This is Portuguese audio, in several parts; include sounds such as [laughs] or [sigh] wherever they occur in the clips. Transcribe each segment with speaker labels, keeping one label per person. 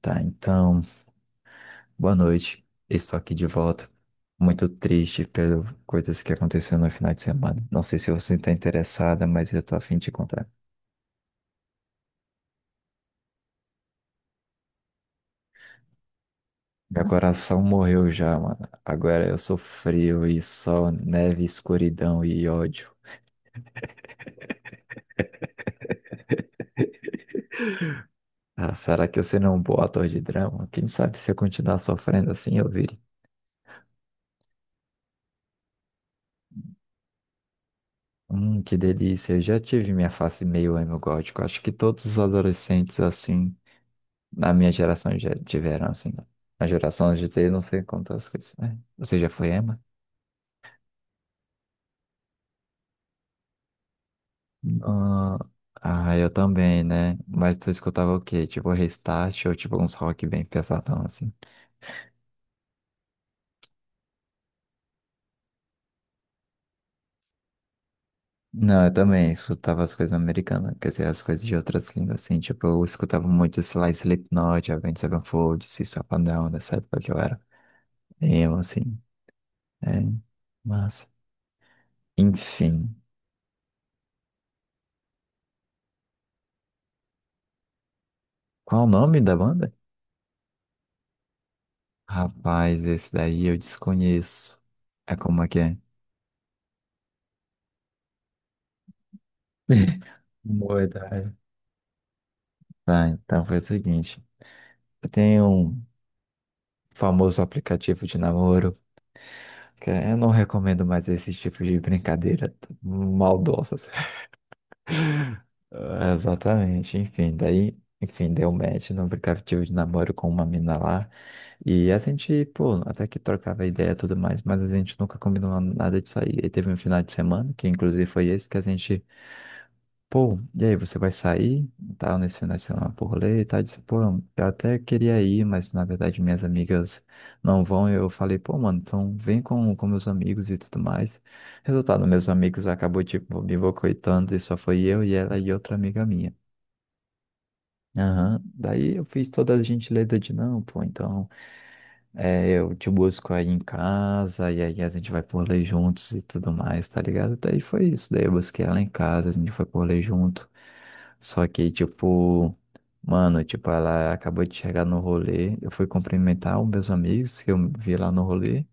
Speaker 1: Tá, então, boa noite. Estou aqui de volta. Muito triste pelas coisas que aconteceram no final de semana. Não sei se você está interessada, mas eu tô a fim de contar. Meu coração morreu já, mano. Agora eu sou frio e sol, neve, escuridão e ódio. Ah, será que eu serei um bom ator de drama? Quem sabe se eu continuar sofrendo assim eu vire. Que delícia. Eu já tive minha face meio emo gótico. Acho que todos os adolescentes assim. Na minha geração já tiveram, assim. Na geração de GT, não sei quantas coisas, né? Você já foi emo? Ah, ah, eu também, né? Mas tu escutava o quê? Tipo, Restart ou tipo uns rock bem pesadão, assim? Não, eu também escutava as coisas americanas, quer dizer, as coisas de outras línguas, assim. Tipo, eu escutava muito, sei lá, Slipknot, Avenged Sevenfold, System of a Down, nessa época que eu era emo, assim. É, mas, enfim. Qual o nome da banda? Rapaz, esse daí eu desconheço. É como é que é? [laughs] Boa ideia. Tá, então foi o seguinte. Tem um famoso aplicativo de namoro, que eu não recomendo mais esse tipo de brincadeira maldosas. [laughs] É, exatamente, enfim, daí, enfim, deu match no aplicativo de namoro com uma mina lá. E a gente, pô, até que trocava ideia e tudo mais, mas a gente nunca combinou nada de sair. E teve um final de semana, que inclusive foi esse, que a gente pô, e aí, você vai sair, tal, nesse final de semana pro rolê e tal? Eu disse, pô, eu até queria ir, mas na verdade minhas amigas não vão. Eu falei, pô, mano, então vem com meus amigos e tudo mais. Resultado, meus amigos acabou, tipo, me boicotando e só foi eu e ela e outra amiga minha. Aham, daí eu fiz toda a gentileza de não, pô, então. É, eu te busco aí em casa, e aí a gente vai por ler juntos e tudo mais, tá ligado? Daí foi isso, daí eu busquei ela em casa, a gente foi por ler junto. Só que, tipo, mano, tipo, ela acabou de chegar no rolê, eu fui cumprimentar os meus amigos que eu vi lá no rolê,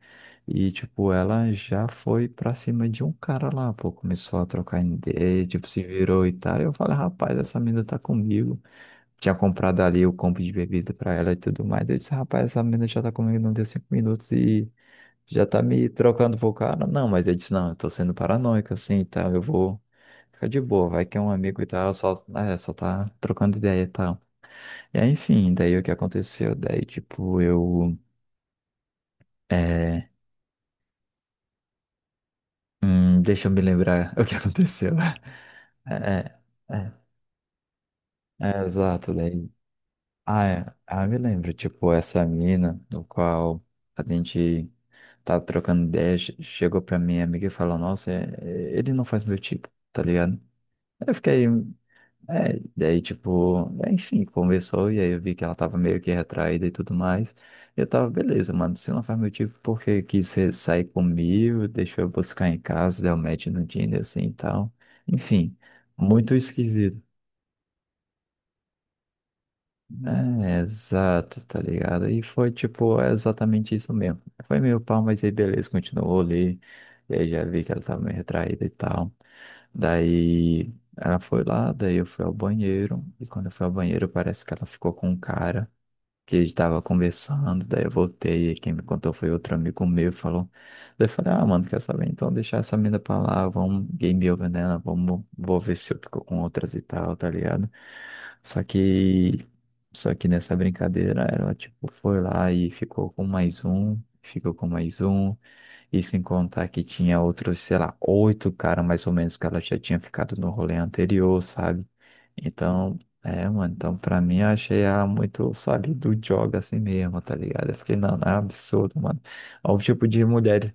Speaker 1: e, tipo, ela já foi pra cima de um cara lá, pô, começou a trocar ideia, tipo, se virou e tal, eu falei, rapaz, essa menina tá comigo tinha comprado ali o combo de bebida pra ela e tudo mais. Eu disse, rapaz, essa menina já tá comigo, não deu cinco minutos e já tá me trocando por cara. Não, mas eu disse, não, eu tô sendo paranoico assim, então eu vou ficar de boa, vai que é um amigo e tal, só, né, só tá trocando ideia e tal. E aí, enfim, daí o que aconteceu? Daí, tipo, eu. É, deixa eu me lembrar [laughs] o que aconteceu. É, é, é, é, exato, daí. Ah, é. Ah, me lembro, tipo, essa mina, no qual a gente tava trocando ideia, chegou pra minha amiga e falou, nossa, ele não faz meu tipo, tá ligado? Eu fiquei, é, daí, tipo, é, enfim, conversou, e aí eu vi que ela tava meio que retraída e tudo mais. Eu tava, beleza, mano, se não faz meu tipo, porque quis sair comigo, deixou eu buscar em casa, deu match no Tinder, assim, e tal. Enfim, muito esquisito. É, exato, tá ligado? E foi tipo é exatamente isso mesmo. Foi meio pau, mas aí beleza, continuou ali. E aí já vi que ela tava meio retraída e tal. Daí ela foi lá, daí eu fui ao banheiro. E quando eu fui ao banheiro, parece que ela ficou com um cara que a gente tava conversando, daí eu voltei e quem me contou foi outro amigo meu, falou, daí eu falei, ah, mano, quer saber, então deixar essa mina pra lá, vamos game over nela, vamos, vou ver se eu fico com outras e tal, tá ligado? Só que, só que nessa brincadeira, ela, tipo, foi lá e ficou com mais um, ficou com mais um, e sem contar que tinha outros, sei lá, oito caras mais ou menos que ela já tinha ficado no rolê anterior, sabe? Então, é, mano, então pra mim eu achei ela muito, sabe, do jogo assim mesmo, tá ligado? Eu fiquei, não, não é absurdo, mano. Olha o tipo de mulher.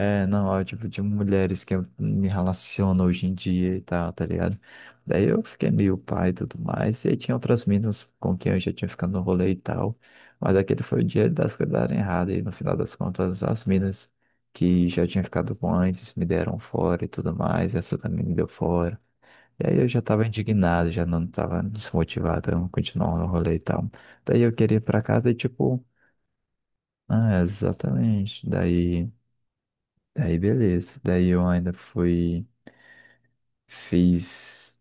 Speaker 1: É, não, é o tipo de mulheres que eu me relaciono hoje em dia e tal, tá ligado? Daí eu fiquei meio pai e tudo mais. E aí tinha outras meninas com quem eu já tinha ficado no rolê e tal. Mas aquele foi o dia das coisas darem errado. E no final das contas, as meninas que já tinha ficado com antes me deram fora e tudo mais. Essa também me deu fora. E aí eu já tava indignado, já não tava desmotivado a continuar no rolê e tal. Daí eu queria ir pra casa e tipo, ah, exatamente. Daí. Daí beleza. Daí eu ainda fui, fiz,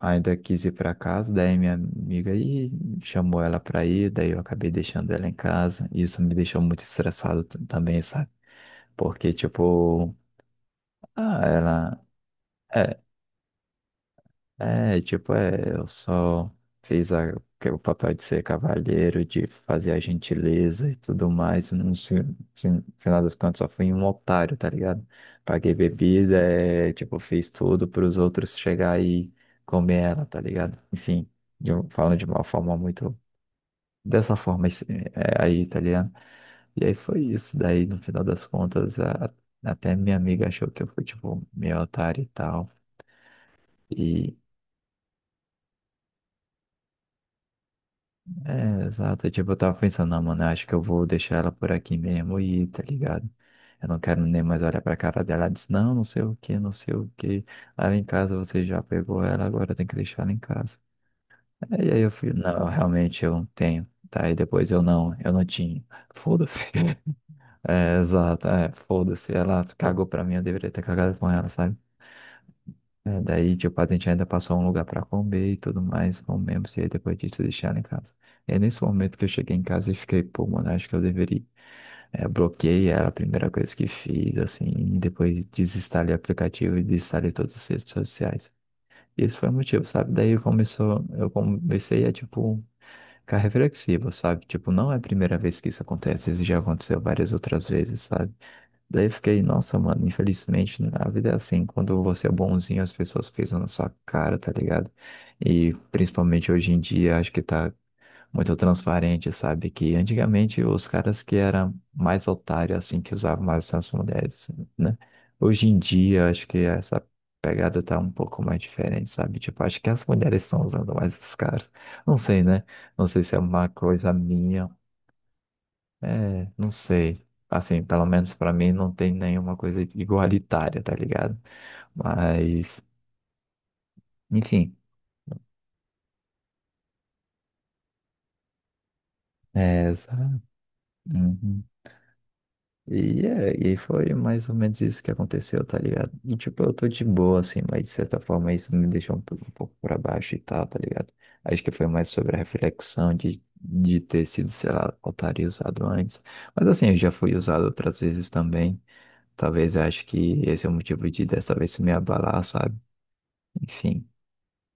Speaker 1: ainda quis ir pra casa, daí minha amiga aí chamou ela pra ir, daí eu acabei deixando ela em casa. Isso me deixou muito estressado também, sabe? Porque, tipo, ah, ela. é, É, tipo, eu só fiz a, o papel de ser cavalheiro, de fazer a gentileza e tudo mais. No final das contas, só fui um otário, tá ligado? Paguei bebida, é, tipo, fiz tudo para os outros chegar e comer ela, tá ligado? Enfim, falando de uma forma muito. Dessa forma é, aí, tá ligado? E aí foi isso. Daí, no final das contas, até minha amiga achou que eu fui, tipo, meio otário e tal. É, exato. Tipo, eu tava pensando, não, mano, eu acho que eu vou deixar ela por aqui mesmo e tá ligado? Eu não quero nem mais olhar pra cara dela. Ela disse, não, não sei o que, não sei o que. Lá em casa você já pegou ela, agora tem que deixar ela em casa. É, e aí eu fui, não, realmente eu não tenho. Tá, e depois eu não tinha. Foda-se. [laughs] É, exato, é, foda-se. Ela cagou pra mim, eu deveria ter cagado com ela, sabe? É, daí, tipo, a gente ainda passou um lugar pra comer e tudo mais, comemos, e aí depois disso deixaram em casa. E aí, nesse momento que eu cheguei em casa e fiquei, pô, mano, acho que eu deveria. É, bloqueei, era a primeira coisa que fiz, assim, e depois desinstalei o aplicativo e desinstalei todas as redes sociais. Esse foi o motivo, sabe? Daí eu começou, eu comecei a, tipo, ficar reflexivo, sabe? Tipo, não é a primeira vez que isso acontece, isso já aconteceu várias outras vezes, sabe? Daí eu fiquei, nossa, mano, infelizmente né, a vida é assim, quando você é bonzinho, as pessoas pisam na sua cara, tá ligado? E principalmente hoje em dia, acho que tá muito transparente, sabe? Que antigamente os caras que eram mais otários, assim, que usavam mais as mulheres, né? Hoje em dia, acho que essa pegada tá um pouco mais diferente, sabe? Tipo, acho que as mulheres estão usando mais os caras. Não sei, né? Não sei se é uma coisa minha é, não sei. Assim, pelo menos pra mim não tem nenhuma coisa igualitária, tá ligado? Mas, enfim, é, sabe? Uhum. E, é, e foi mais ou menos isso que aconteceu, tá ligado? E, tipo, eu tô de boa, assim, mas de certa forma isso me deixou um pouco pra baixo e tal, tá ligado? Acho que foi mais sobre a reflexão de ter sido, sei lá, otário e usado antes. Mas, assim, eu já fui usado outras vezes também. Talvez eu acho que esse é o motivo de dessa vez se me abalar, sabe? Enfim.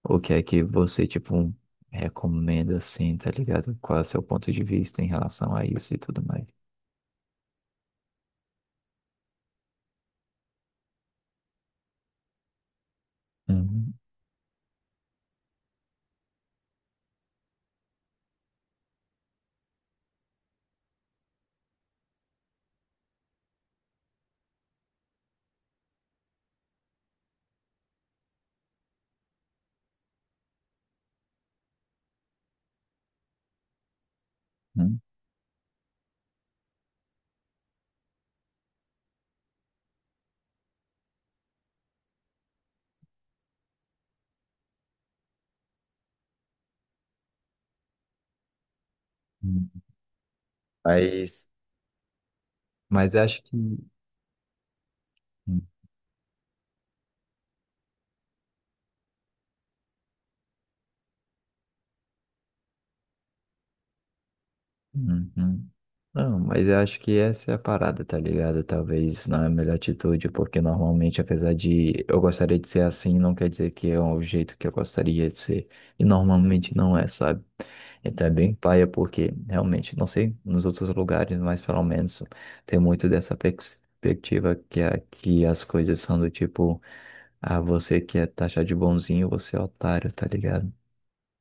Speaker 1: O que é que você, tipo, recomenda assim, tá ligado? Qual é o seu ponto de vista em relação a isso e tudo mais? Uhum, uhum, uhum. Mas, mas acho que. Uhum, uhum. Não, mas eu acho que essa é a parada, tá ligado? Talvez não é a melhor atitude, porque normalmente, apesar de eu gostaria de ser assim, não quer dizer que é o jeito que eu gostaria de ser. E normalmente não é, sabe? Então é bem paia, porque realmente, não sei, nos outros lugares, mas pelo menos tem muito dessa perspectiva que aqui as coisas são do tipo, ah, você que é taxado de bonzinho, você é otário, tá ligado?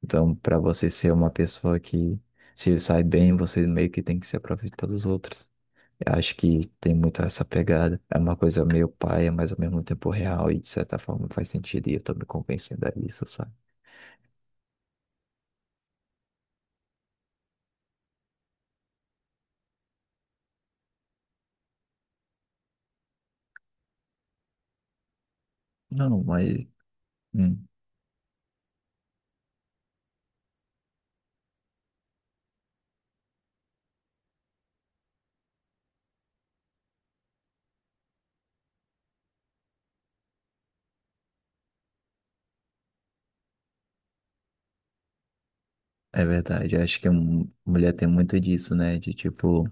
Speaker 1: Então, para você ser uma pessoa que se sai bem, você meio que tem que se aproveitar dos outros. Eu acho que tem muito essa pegada. É uma coisa meio paia, mas ao mesmo tempo real e de certa forma faz sentido e eu tô me convencendo a isso, sabe? Não, mas hum, é verdade. Eu acho que mulher tem muito disso, né? De tipo,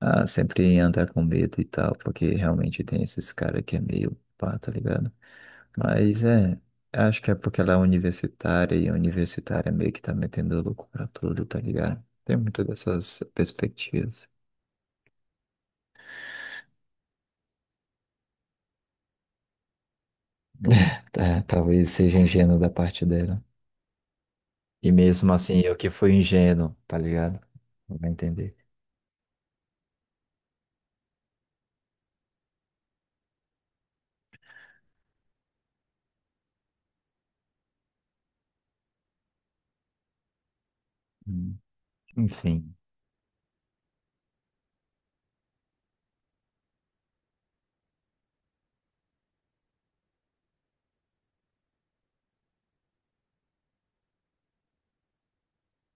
Speaker 1: ah, sempre andar com medo e tal, porque realmente tem esses caras que é meio pá, tá ligado? Mas é, acho que é porque ela é universitária e universitária meio que tá metendo louco pra tudo, tá ligado? Tem muitas dessas perspectivas. Tá, talvez seja ingênuo da parte dela. E mesmo assim, eu que fui ingênuo, tá ligado? Não vai entender. Hum. Enfim,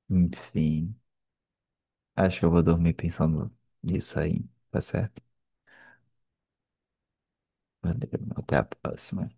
Speaker 1: enfim. Acho que eu vou dormir pensando nisso aí, tá certo? Valeu, até a próxima.